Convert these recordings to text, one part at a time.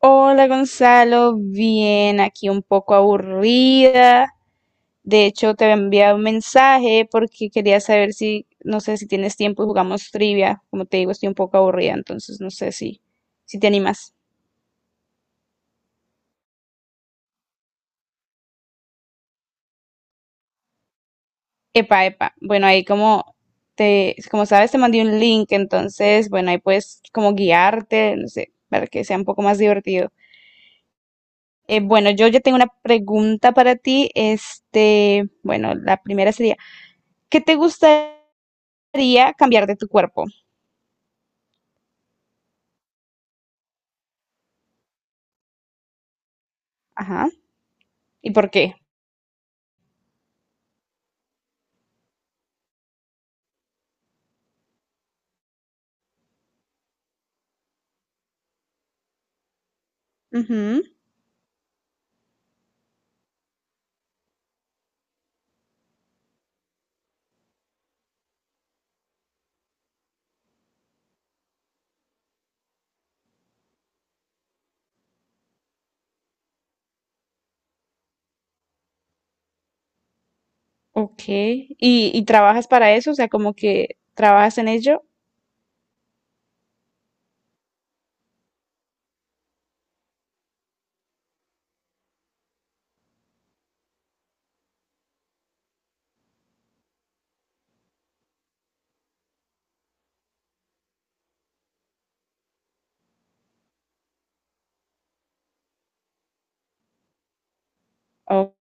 Hola Gonzalo, bien, aquí un poco aburrida. De hecho, te había enviado un mensaje porque quería saber si, no sé si tienes tiempo y jugamos trivia. Como te digo, estoy un poco aburrida, entonces no sé si te animas. Epa, epa. Bueno, ahí como sabes, te mandé un link, entonces, bueno, ahí puedes como guiarte, no sé, para que sea un poco más divertido. Bueno, yo ya tengo una pregunta para ti. Bueno, la primera sería, ¿qué te gusta? Haría cambiar de tu cuerpo? Ajá. ¿Y por qué? Ujú. Ok. ¿Y trabajas para eso? O sea, como que trabajas en ello. Ok.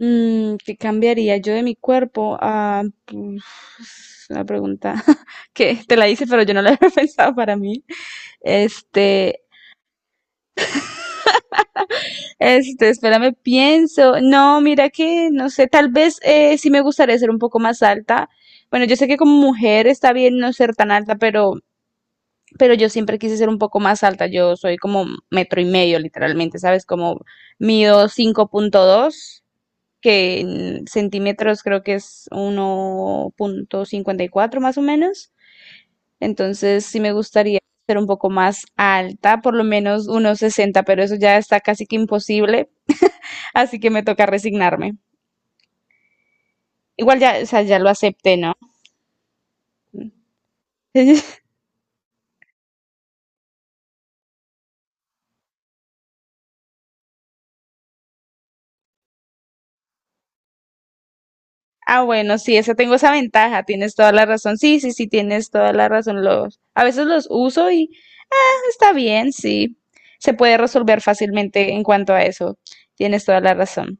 ¿Qué cambiaría yo de mi cuerpo? Ah, pues, es una pregunta que te la hice, pero yo no la había pensado para mí. Este, espérame, pienso. No, mira que, no sé, tal vez sí me gustaría ser un poco más alta. Bueno, yo sé que como mujer está bien no ser tan alta, pero yo siempre quise ser un poco más alta. Yo soy como metro y medio, literalmente, ¿sabes? Como mido 5.2 que en centímetros creo que es 1,54 más o menos. Entonces sí me gustaría ser un poco más alta, por lo menos unos 60, pero eso ya está casi que imposible, así que me toca resignarme. Igual ya, o sea, ya lo acepté, ¿no? Ah, bueno, sí, esa tengo esa ventaja, tienes toda la razón. Sí, sí, sí, tienes toda la razón. Los, a veces los uso y está bien, sí. Se puede resolver fácilmente en cuanto a eso. Tienes toda la razón.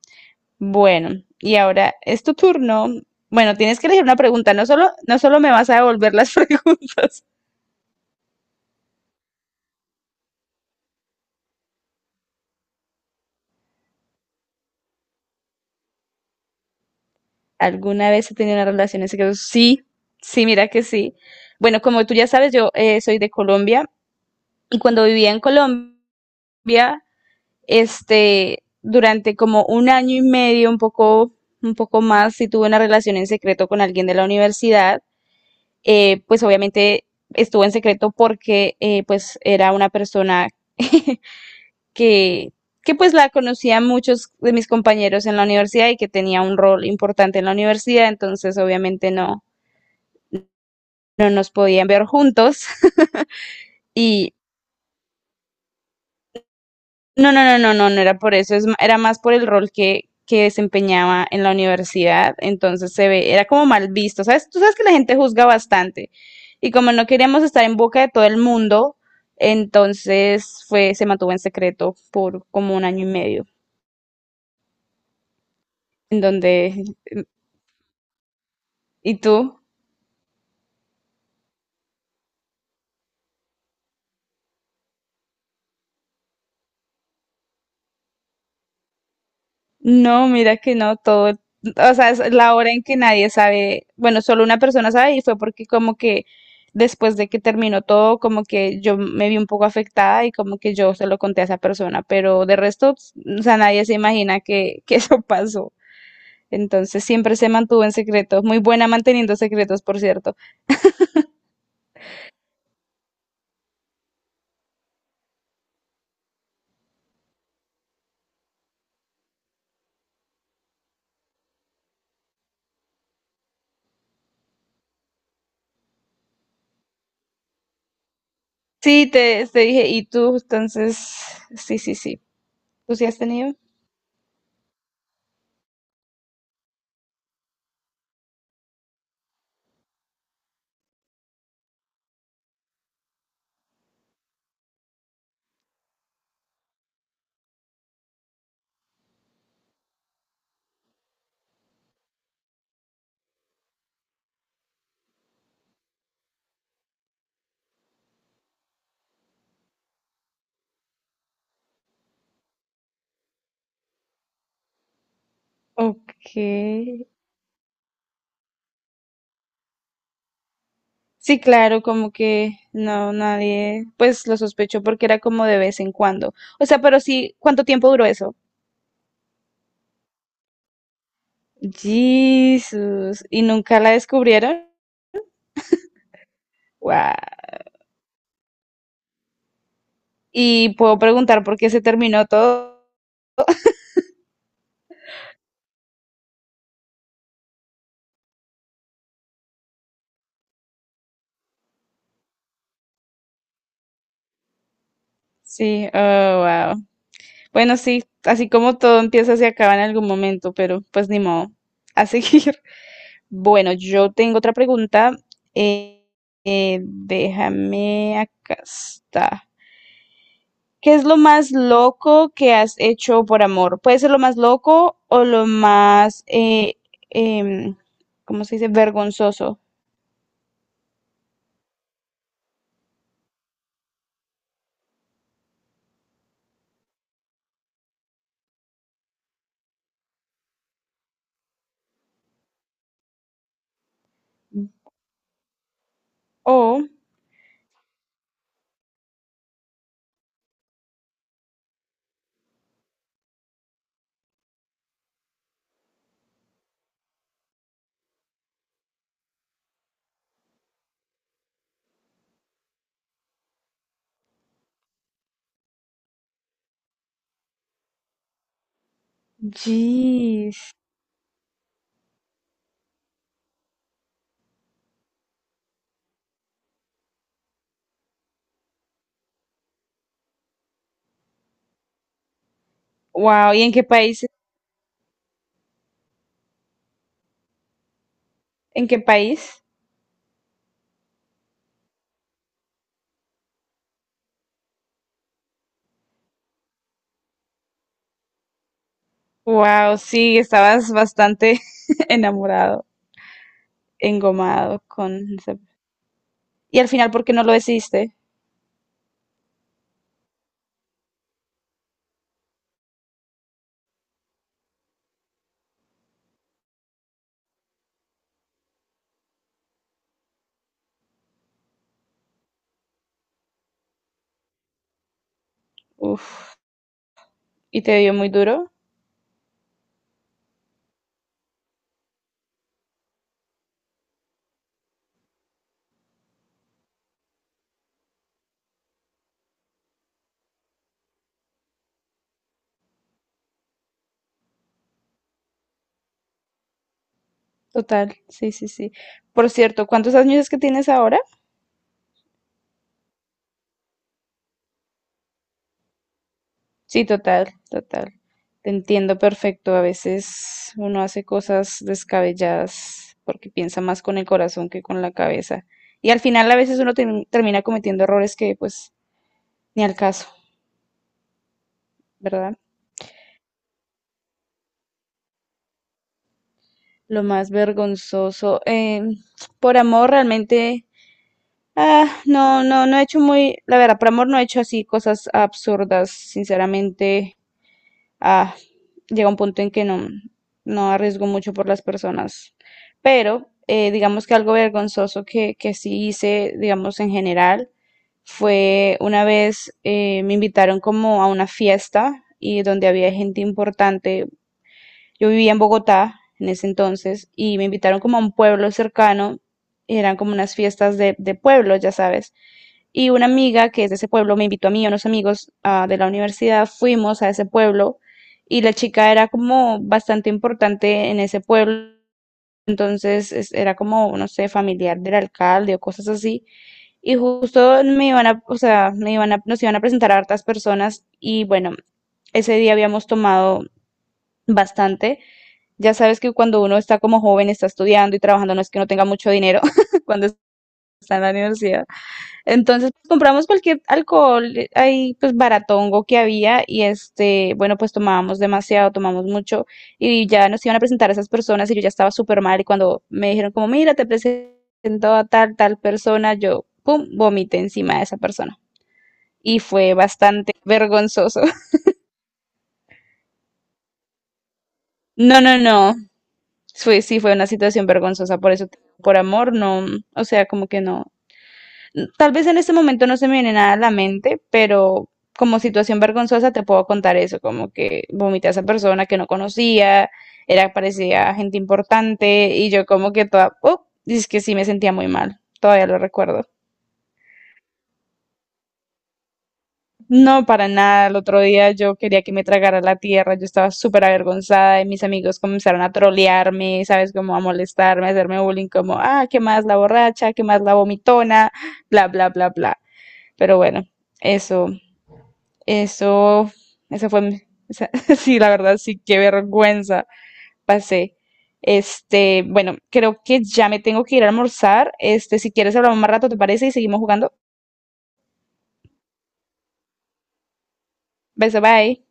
Bueno, y ahora es tu turno. Bueno, tienes que elegir una pregunta. No solo, no solo me vas a devolver las preguntas. ¿Alguna vez he tenido una relación en secreto? Sí, sí, mira que sí. Bueno, como tú ya sabes, yo soy de Colombia y cuando vivía en Colombia, durante como un año y medio, un poco más, sí tuve una relación en secreto con alguien de la universidad pues obviamente estuvo en secreto porque pues era una persona que, que pues la conocían muchos de mis compañeros en la universidad y que tenía un rol importante en la universidad, entonces obviamente no, no nos podían ver juntos. Y no, no, no, no, no, no era por eso, era más por el rol que desempeñaba en la universidad, entonces se ve, era como mal visto, ¿sabes? Tú sabes que la gente juzga bastante y como no queríamos estar en boca de todo el mundo, entonces fue, se mantuvo en secreto por como un año y medio, en donde, ¿y tú? No, mira que no, todo, o sea, es la hora en que nadie sabe, bueno, solo una persona sabe y fue porque como que después de que terminó todo, como que yo me vi un poco afectada y como que yo se lo conté a esa persona, pero de resto, pues, o sea, nadie se imagina que eso pasó. Entonces siempre se mantuvo en secreto, muy buena manteniendo secretos, por cierto. Sí, te dije, ¿y tú? Entonces, sí, sí, sí. ¿Tú sí has tenido? Ok. Sí, claro, como que no, nadie, pues lo sospechó porque era como de vez en cuando. O sea, pero sí, ¿cuánto tiempo duró eso? Jesús, ¿y nunca la descubrieron? Wow. Y puedo preguntar por qué se terminó todo. Sí, oh, wow. Bueno, sí, así como todo empieza, se acaba en algún momento, pero pues ni modo. A seguir. Bueno, yo tengo otra pregunta. Eh, déjame acá está. ¿Qué es lo más loco que has hecho por amor? Puede ser lo más loco o lo más, em, ¿cómo se dice? Vergonzoso. Oh, jeez. Wow, ¿y en qué país? ¿En qué país? Wow, sí, estabas bastante enamorado, engomado con... Y al final, ¿por qué no lo hiciste? Uf, y te dio muy duro. Total, sí, sí, sí. Por cierto, ¿cuántos años es que tienes ahora? Sí, total, total. Te entiendo perfecto. A veces uno hace cosas descabelladas porque piensa más con el corazón que con la cabeza. Y al final a veces uno termina cometiendo errores que pues ni al caso, ¿verdad? Lo más vergonzoso. Por amor realmente, no, no, no he hecho muy, la verdad, por amor no he hecho así cosas absurdas, sinceramente. ah, Llega un punto en que no, no arriesgo mucho por las personas. Pero digamos que algo vergonzoso que sí hice, digamos en general, fue una vez me invitaron como a una fiesta y donde había gente importante. Yo vivía en Bogotá en ese entonces y me invitaron como a un pueblo cercano, eran como unas fiestas de pueblo, ya sabes. Y una amiga que es de ese pueblo me invitó a mí y a unos amigos de la universidad, fuimos a ese pueblo y la chica era como bastante importante en ese pueblo, entonces era como, no sé, familiar del alcalde o cosas así. Y justo me iban a, o sea, me iban a, nos iban a presentar a hartas personas y bueno, ese día habíamos tomado bastante. Ya sabes que cuando uno está como joven, está estudiando y trabajando, no es que no tenga mucho dinero cuando está en la universidad. Entonces, pues, compramos cualquier alcohol ahí, pues baratongo que había y este, bueno, pues tomábamos demasiado, tomamos mucho y ya nos iban a presentar a esas personas y yo ya estaba súper mal y cuando me dijeron como, mira, te presento a tal, tal persona, yo, pum, vomité encima de esa persona. Y fue bastante vergonzoso. No, no, no. Fue, sí, fue una situación vergonzosa, por eso, por amor, no, o sea, como que no. Tal vez en este momento no se me viene nada a la mente, pero como situación vergonzosa te puedo contar eso, como que vomité a esa persona que no conocía, era, parecía gente importante, y yo como que toda, oh, y es que sí me sentía muy mal, todavía lo recuerdo. No, para nada. El otro día yo quería que me tragara la tierra. Yo estaba súper avergonzada y mis amigos comenzaron a trolearme, ¿sabes? Como a molestarme, a hacerme bullying, como, ah, ¿qué más la borracha? ¿Qué más la vomitona? Bla, bla, bla, bla. Pero bueno, eso, eso, eso fue, esa- sí, la verdad, sí, qué vergüenza pasé. Bueno, creo que ya me tengo que ir a almorzar. Si quieres hablamos más rato, ¿te parece? Y seguimos jugando. Beso, bye.